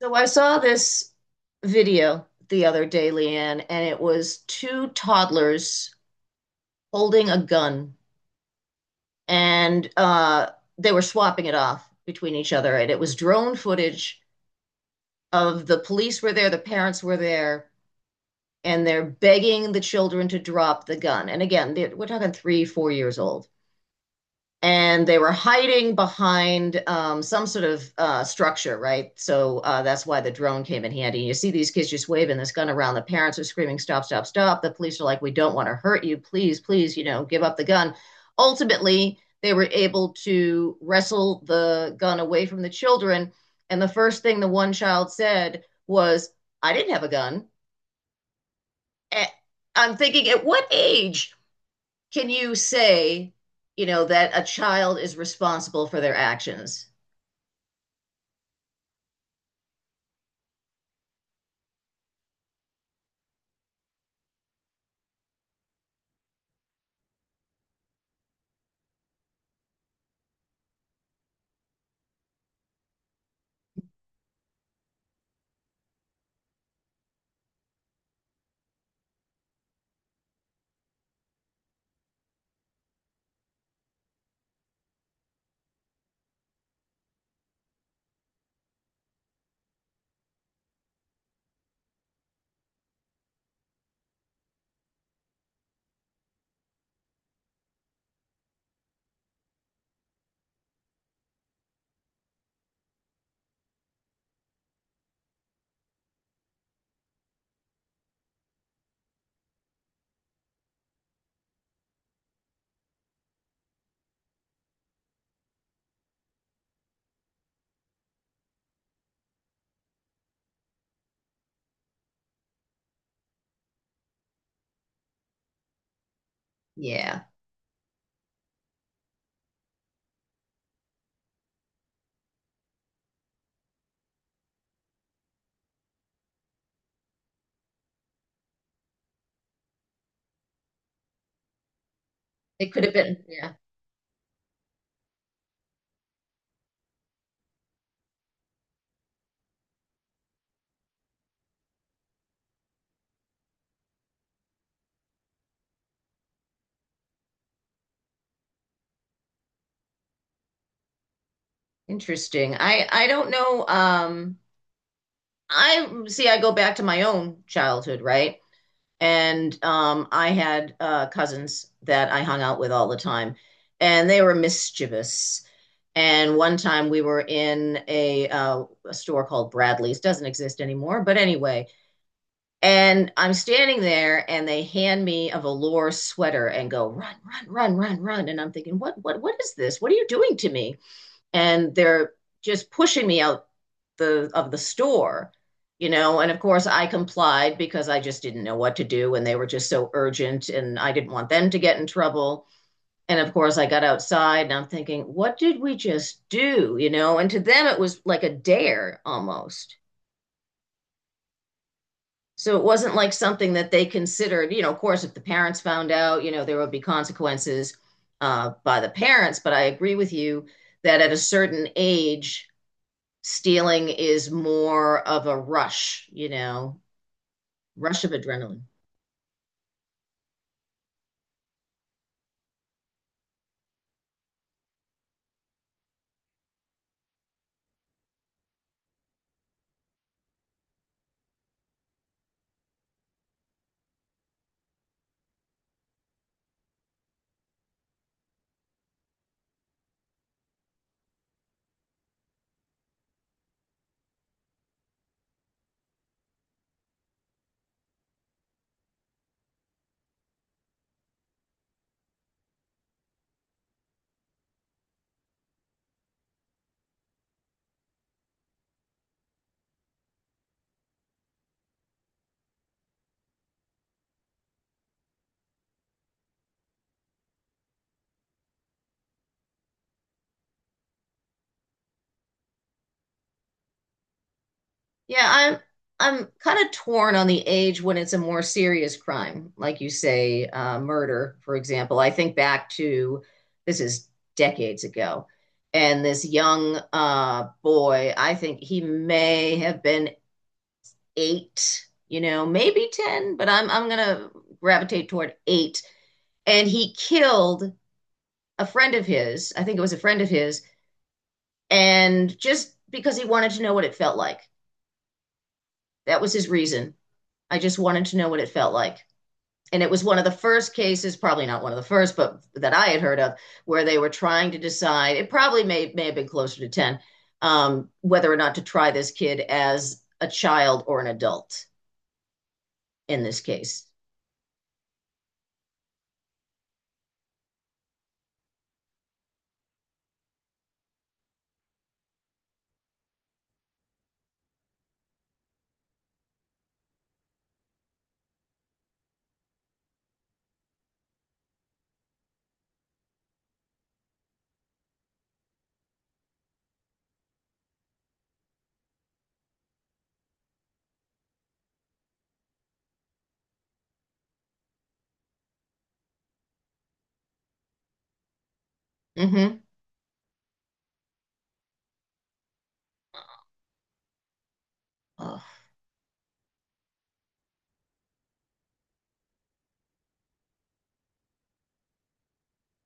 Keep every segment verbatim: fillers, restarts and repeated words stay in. So I saw this video the other day, Leanne, and it was two toddlers holding a gun, and uh, they were swapping it off between each other. And it was drone footage of the police were there, the parents were there, and they're begging the children to drop the gun. And again, we're talking three, four years old. And they were hiding behind um, some sort of uh, structure, right? So uh, that's why the drone came in handy. And you see these kids just waving this gun around. The parents are screaming, "Stop! Stop! Stop!" The police are like, "We don't want to hurt you. Please, please, you know, give up the gun." Ultimately, they were able to wrestle the gun away from the children. And the first thing the one child said was, "I didn't have a gun." Eh, I'm thinking, at what age can you say, you know, that a child is responsible for their actions? Yeah, it could have been. Yeah, interesting. I I don't know. Um, I see. I go back to my own childhood, right? And um, I had uh, cousins that I hung out with all the time, and they were mischievous. And one time we were in a, uh, a store called Bradley's, doesn't exist anymore, but anyway. And I'm standing there and they hand me a velour sweater and go, run, run, run, run, run. And I'm thinking, what, what, what is this? What are you doing to me? And they're just pushing me out the of the store, you know. And of course I complied because I just didn't know what to do and they were just so urgent and I didn't want them to get in trouble. And of course I got outside and I'm thinking, what did we just do? You know, and to them it was like a dare almost. So it wasn't like something that they considered. You know, of course, if the parents found out, you know, there would be consequences uh, by the parents. But I agree with you that at a certain age, stealing is more of a rush, you know, rush of adrenaline. Yeah, I'm I'm kind of torn on the age when it's a more serious crime, like you say, uh, murder, for example. I think back to, this is decades ago, and this young uh, boy, I think he may have been eight, you know, maybe ten, but I'm I'm gonna gravitate toward eight, and he killed a friend of his. I think it was a friend of his, and just because he wanted to know what it felt like. That was his reason. I just wanted to know what it felt like. And it was one of the first cases, probably not one of the first, but that I had heard of, where they were trying to decide. It probably may may have been closer to ten, um, whether or not to try this kid as a child or an adult in this case. Mm-hmm. Oh,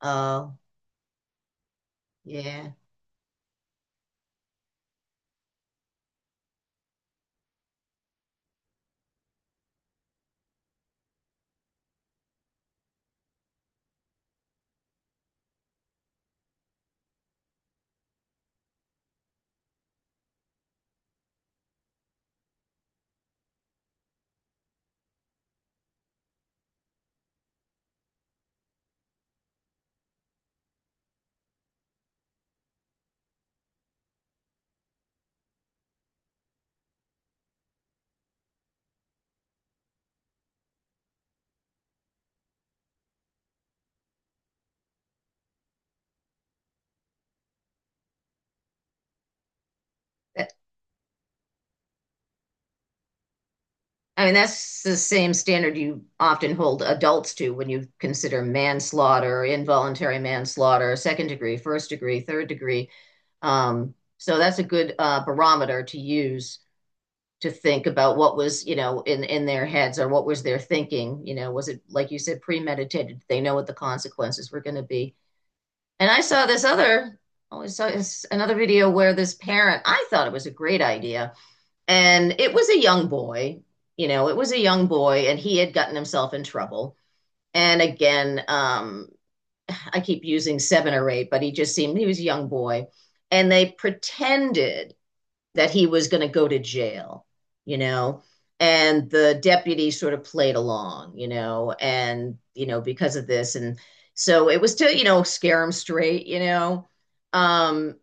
oh, yeah. I mean, that's the same standard you often hold adults to when you consider manslaughter, involuntary manslaughter, second degree, first degree, third degree. Um, so that's a good uh, barometer to use to think about what was you know in in their heads, or what was their thinking. You know was it, like you said, premeditated? They know what the consequences were going to be. And i saw this other oh, I saw this, another video where this parent, I thought it was a great idea, and it was a young boy. You know it was a young boy and he had gotten himself in trouble. And again, um, I keep using seven or eight, but he just seemed, he was a young boy. And they pretended that he was going to go to jail, you know? And the deputy sort of played along, you know, and, you know, because of this. And so it was to, you know, scare him straight, you know? Um,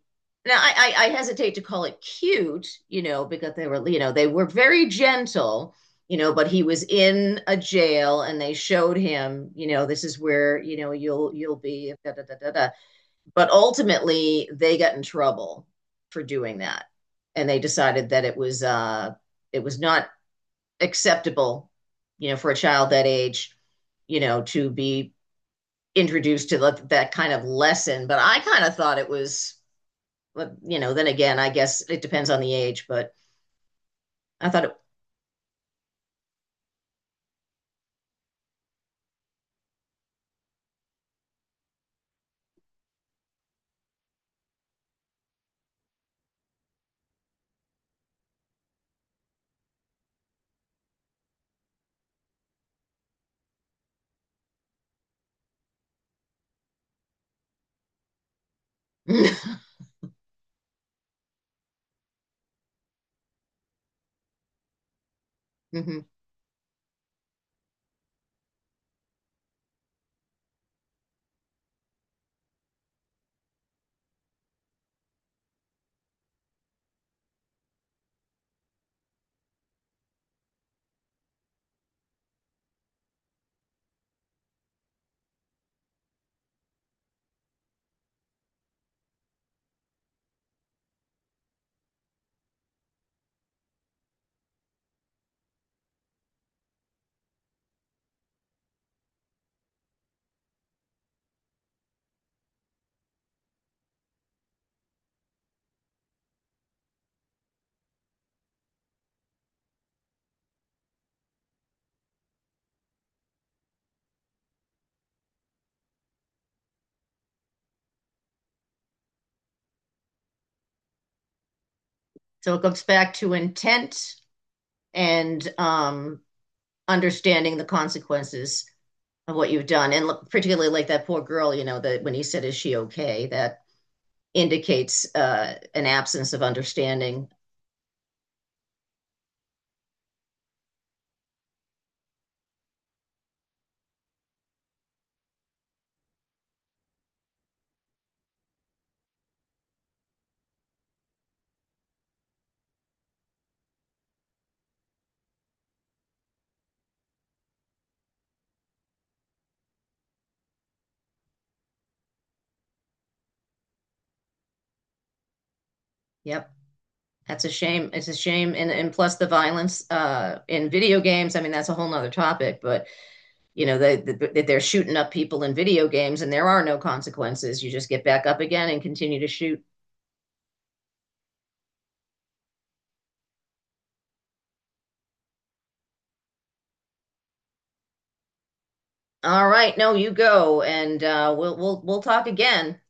now I, I, I hesitate to call it cute, you know, because they were, you know, they were very gentle, you know, but he was in a jail and they showed him, you know, this is where, you know, you'll, you'll be da, da, da, da, da. But ultimately, they got in trouble for doing that, and they decided that it was uh, it was not acceptable, you know, for a child that age, you know, to be introduced to that, that kind of lesson. But I kind of thought it was, you know, then again, I guess it depends on the age, but I thought it. Mhm. So it goes back to intent and um, understanding the consequences of what you've done, and particularly, like that poor girl, you know that when he said, is she okay? That indicates uh an absence of understanding. Yep, that's a shame. It's a shame. And and plus the violence uh in video games. I mean, that's a whole nother topic, but you know they, they they're shooting up people in video games and there are no consequences. You just get back up again and continue to shoot. All right, no, you go, and uh we'll we'll we'll talk again.